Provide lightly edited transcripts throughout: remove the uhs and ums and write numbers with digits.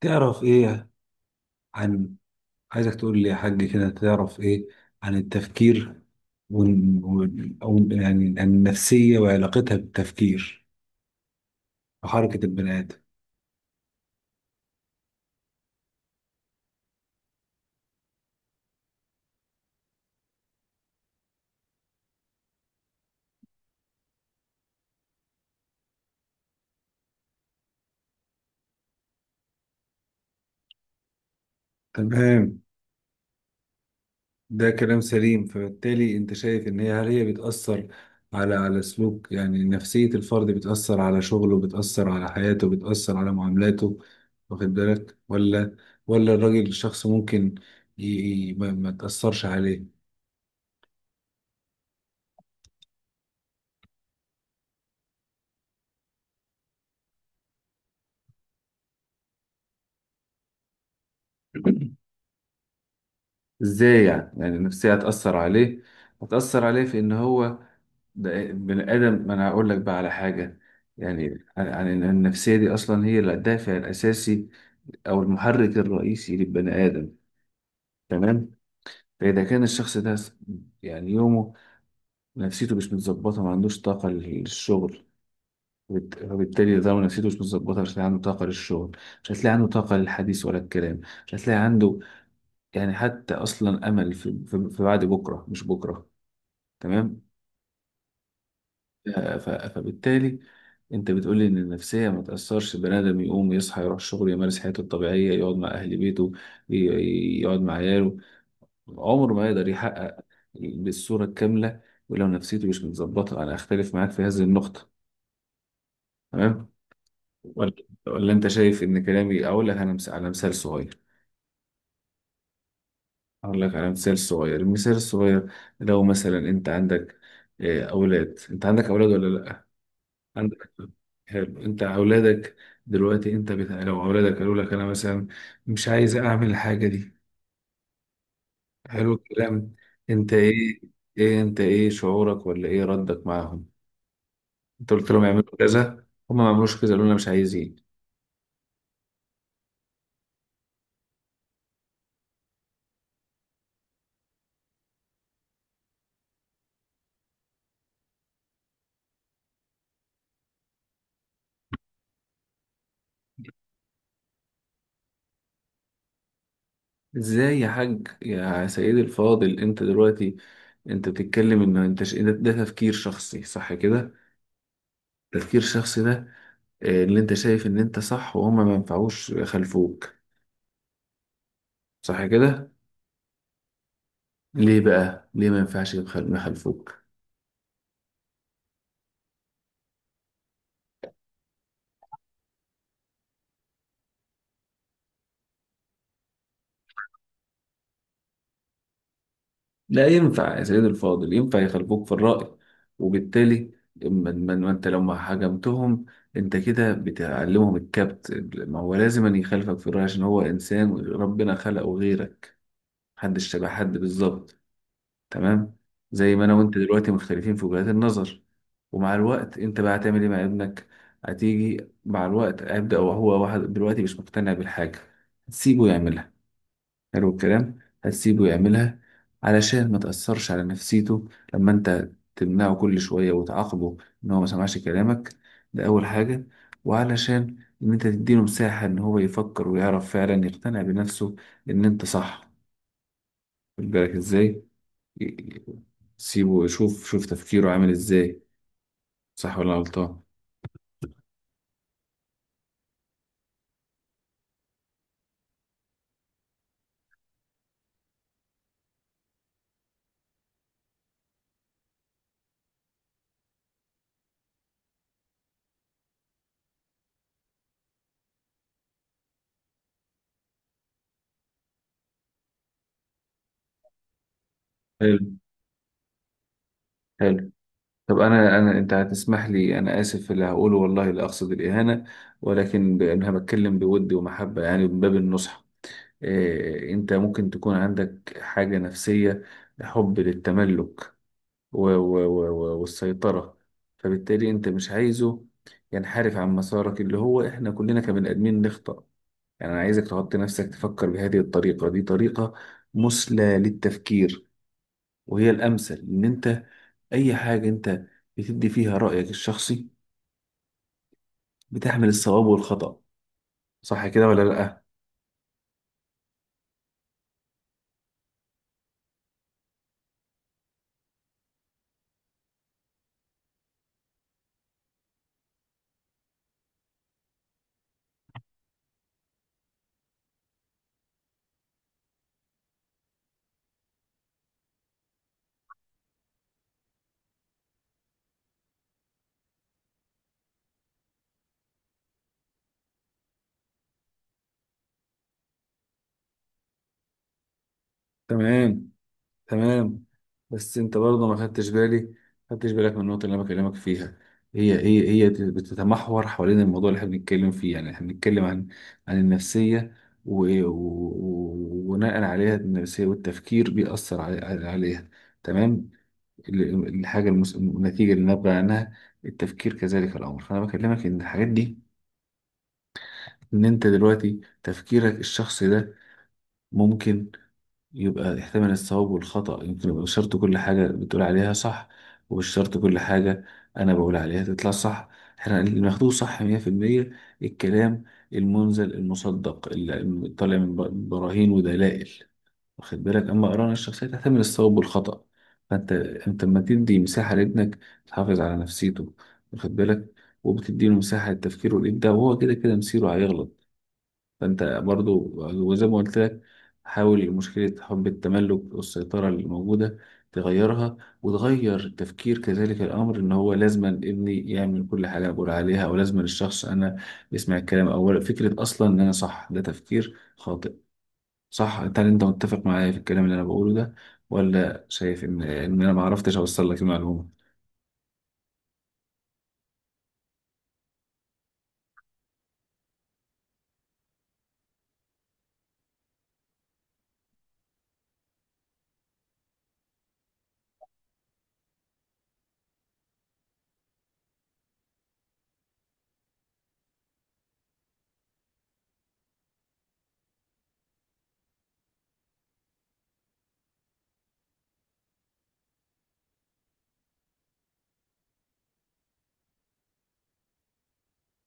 تعرف ايه عن عايزك تقول لي يا حاج كده تعرف ايه عن التفكير ون... ون... او يعني عن النفسية وعلاقتها بالتفكير وحركة البني آدم. تمام، ده كلام سليم. فبالتالي انت شايف ان هل هي بتأثر على سلوك؟ يعني نفسية الفرد بتأثر على شغله، بتأثر على حياته، بتأثر على معاملاته، واخد بالك؟ ولا الراجل الشخص ممكن ي... ما تأثرش عليه؟ ازاي يعني؟ يعني النفسية هتأثر عليه؟ هتأثر عليه في ان هو ده بني آدم. ما انا هقول لك بقى على حاجة، يعني عن إن النفسية دي اصلا هي الدافع الاساسي او المحرك الرئيسي للبني آدم. تمام؟ فاذا كان الشخص ده يعني يومه نفسيته مش متظبطة، ما عندوش طاقة للشغل. وبالتالي ده نفسيته مش متظبطة، مش هتلاقي عنده طاقة للشغل، مش هتلاقي عنده طاقة للحديث ولا الكلام، مش هتلاقي عنده يعني حتى اصلا امل في بعد بكره مش بكره. تمام. فبالتالي انت بتقول لي ان النفسيه ما تاثرش، بني ادم يقوم يصحى يروح شغله يمارس حياته الطبيعيه يقعد مع اهل بيته، يقعد مع عياله، عمره ما يقدر يحقق بالصوره الكامله ولو نفسيته مش متظبطه. انا اختلف معاك في هذه النقطه. تمام؟ ولا انت شايف ان كلامي؟ اقول لك انا على مثال صغير، اقول لك على مثال صغير. المثال الصغير، لو مثلا انت عندك، اولاد، انت عندك اولاد ولا لا؟ عندك. حلو، انت اولادك دلوقتي انت بتاع، لو اولادك قالوا لك انا مثلا مش عايز اعمل الحاجه دي، حلو الكلام، انت ايه؟ ايه انت ايه شعورك؟ ولا ايه ردك معاهم؟ انت قلت لهم يعملوا كذا، هم ما عملوش كذا، قالوا لنا مش عايزين. ازاي يا حاج يا سيدي الفاضل؟ انت دلوقتي انت بتتكلم ان انت ده تفكير شخصي، صح كده؟ تفكير شخصي ده، اللي انت شايف ان انت صح وهم ما ينفعوش خلفوك، صح كده؟ ليه بقى؟ ليه ما ينفعش يخلفوك؟ لا، ينفع يا سيدي الفاضل، ينفع يخلفوك في الرأي. وبالتالي ما انت لو ما حجمتهم، انت كده بتعلمهم الكبت. ما هو لازم أن يخالفك في الرأي، عشان هو إنسان ربنا خلقه غيرك، محدش شبه حد بالظبط. تمام؟ زي ما أنا وأنت دلوقتي مختلفين في وجهات النظر. ومع الوقت انت بقى هتعمل ايه مع ابنك؟ هتيجي مع الوقت، هيبدأ وهو واحد دلوقتي مش مقتنع بالحاجة، هتسيبه يعملها؟ حلو الكلام، هتسيبه يعملها علشان ما تأثرش على نفسيته. لما انت تمنعه كل شوية وتعاقبه ان هو ما سمعش كلامك، ده أول حاجة. وعلشان ان انت تديله مساحة ان هو يفكر ويعرف فعلا يقتنع بنفسه ان انت صح، خد بالك ازاي؟ ي- سيبه، شوف تفكيره عامل ازاي، صح ولا غلطان. حلو، حلو. طب انا انا انت هتسمح لي، انا اسف في اللي هقوله، والله لا اقصد الاهانه، ولكن انا بتكلم بود ومحبه يعني من باب النصح. انت ممكن تكون عندك حاجة نفسية، حب للتملك و- و- و- و- والسيطرة، فبالتالي انت مش عايزه ينحرف عن مسارك، اللي هو احنا كلنا كبني ادمين نخطأ. يعني انا عايزك تحط نفسك تفكر بهذه الطريقة، دي طريقة مثلى للتفكير، وهي الامثل، ان انت اي حاجة انت بتدي فيها رأيك الشخصي بتحمل الصواب والخطأ. صح كده ولا لأ؟ تمام، تمام. بس انت برضه ما خدتش بالي، ما خدتش بالك من النقطه اللي انا بكلمك فيها. هي بتتمحور حوالين الموضوع اللي احنا بنتكلم فيه. يعني احنا بنتكلم عن النفسيه، و- و- وبناء عليها النفسيه والتفكير بيأثر عليها. تمام. الحاجه النتيجه اللي نابعه عنها التفكير، كذلك الامر. فانا بكلمك ان الحاجات دي، ان انت دلوقتي تفكيرك الشخصي ده ممكن يبقى يحتمل الصواب والخطأ، يمكن يبقى مش شرط كل حاجة بتقول عليها صح، ومش شرط كل حاجة أنا بقول عليها تطلع صح. احنا اللي بناخدوه صح 100% الكلام المنزل المصدق اللي طالع من براهين ودلائل، واخد بالك؟ أما قراءة الشخصية تحتمل الصواب والخطأ. فأنت لما تدي مساحة لابنك، تحافظ على نفسيته، واخد بالك، وبتديله مساحة للتفكير والإبداع، وهو كده كده مصيره هيغلط. فانت برضو، وزي ما قلت لك، حاول مشكلة حب التملك والسيطرة اللي موجودة تغيرها، وتغير تفكير كذلك الأمر، إن هو لازم ابني يعمل كل حاجة أنا بقول عليها، أو لازم الشخص أنا يسمع الكلام أولا، فكرة أصلا إن أنا صح ده تفكير خاطئ. صح؟ هل أنت متفق معايا في الكلام اللي أنا بقوله ده، ولا شايف إن أنا معرفتش أوصل لك المعلومة؟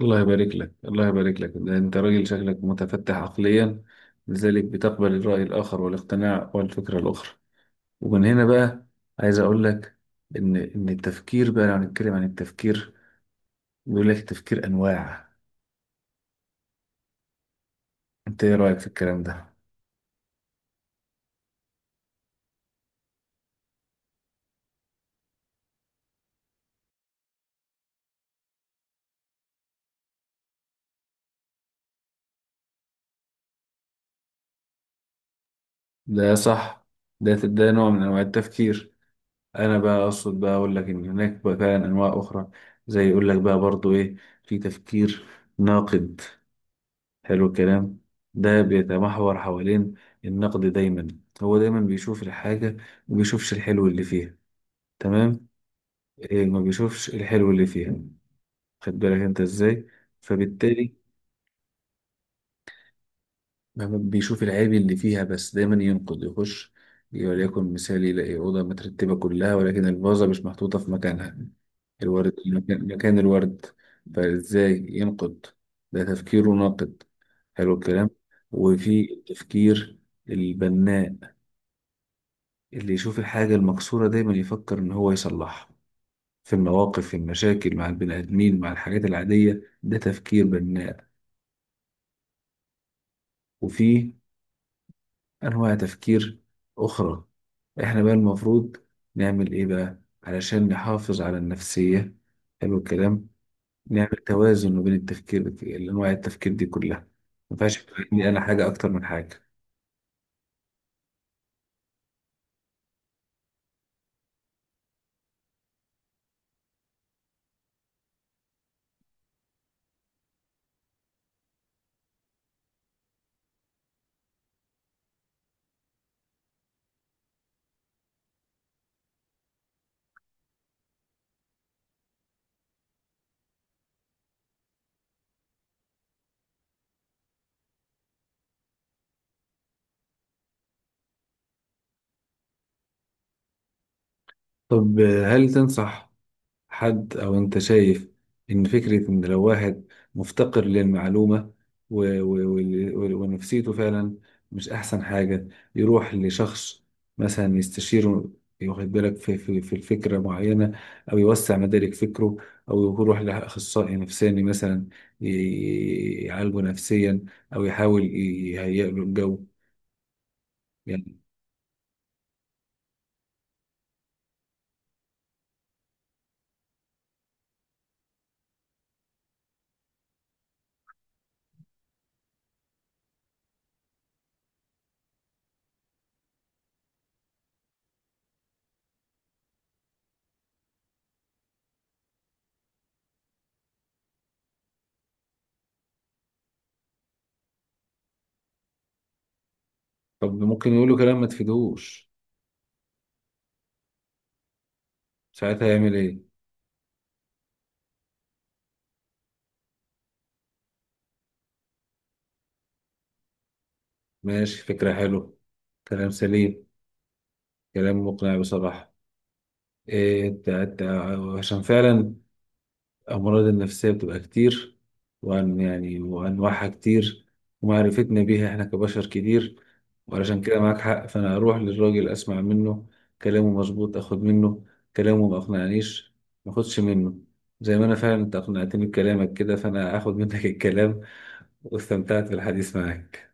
الله يبارك لك، الله يبارك لك، ده انت راجل شكلك متفتح عقليا، لذلك بتقبل الرأي الآخر والاقتناع والفكرة الأخرى. ومن هنا بقى عايز أقول لك إن التفكير بقى، لو هنتكلم عن التفكير، بيقول لك التفكير أنواع. أنت إيه رأيك في الكلام ده؟ ده صح. ده نوع من أنواع التفكير. أنا بقى أقصد بقى أقول لك إن هناك بقى فعلا أنواع أخرى، زي يقول لك بقى برضو إيه، في تفكير ناقد. حلو الكلام. ده بيتمحور حوالين النقد دايما، هو دايما بيشوف الحاجة وبيشوفش الحلو اللي فيها. تمام. إيه، ما بيشوفش الحلو اللي فيها، خد بالك انت ازاي. فبالتالي ما بيشوف العيب اللي فيها بس، دايما ينقد يخش. وليكن مثال، يلاقي أوضة مترتبة كلها، ولكن الفازة مش محطوطة في مكانها، الورد مكان الورد، فازاي ينقد. ده تفكيره ناقد. حلو الكلام. وفي التفكير البناء، اللي يشوف الحاجة المكسورة دايما يفكر إن هو يصلحها، في المواقف، في المشاكل مع البني آدمين، مع الحاجات العادية، ده تفكير بناء. وفي أنواع تفكير أخرى. إحنا بقى المفروض نعمل إيه بقى علشان نحافظ على النفسية؟ حلو الكلام. نعمل توازن ما بين التفكير، الأنواع التفكير دي كلها، ما ينفعش يبقى عندي أنا حاجة أكتر من حاجة. طب، هل تنصح حد، أو أنت شايف إن فكرة إن لو واحد مفتقر للمعلومة و- و- وال- وال- ونفسيته فعلا مش أحسن حاجة، يروح لشخص مثلا يستشيره، واخد بالك، في الفكرة معينة، أو يوسع مدارك فكره، أو يروح لأخصائي نفساني مثلا يعالجه نفسيا، أو يحاول يهيئ له الجو يعني؟ طب ممكن يقول له كلام ما تفيدهوش، ساعتها يعمل إيه؟ ماشي، فكرة حلوة، كلام سليم، كلام مقنع بصراحة. إيه انت عشان فعلا الأمراض النفسية بتبقى كتير، وأن يعني وأنواعها كتير، ومعرفتنا بيها إحنا كبشر كتير، وعلشان كده معاك حق. فأنا أروح للراجل أسمع منه، كلامه مظبوط أخد منه، كلامه ما أقنعنيش ما أخدش منه. زي ما أنا فعلا أنت أقنعتني بكلامك كده، فأنا هاخد منك الكلام، واستمتعت بالحديث معاك.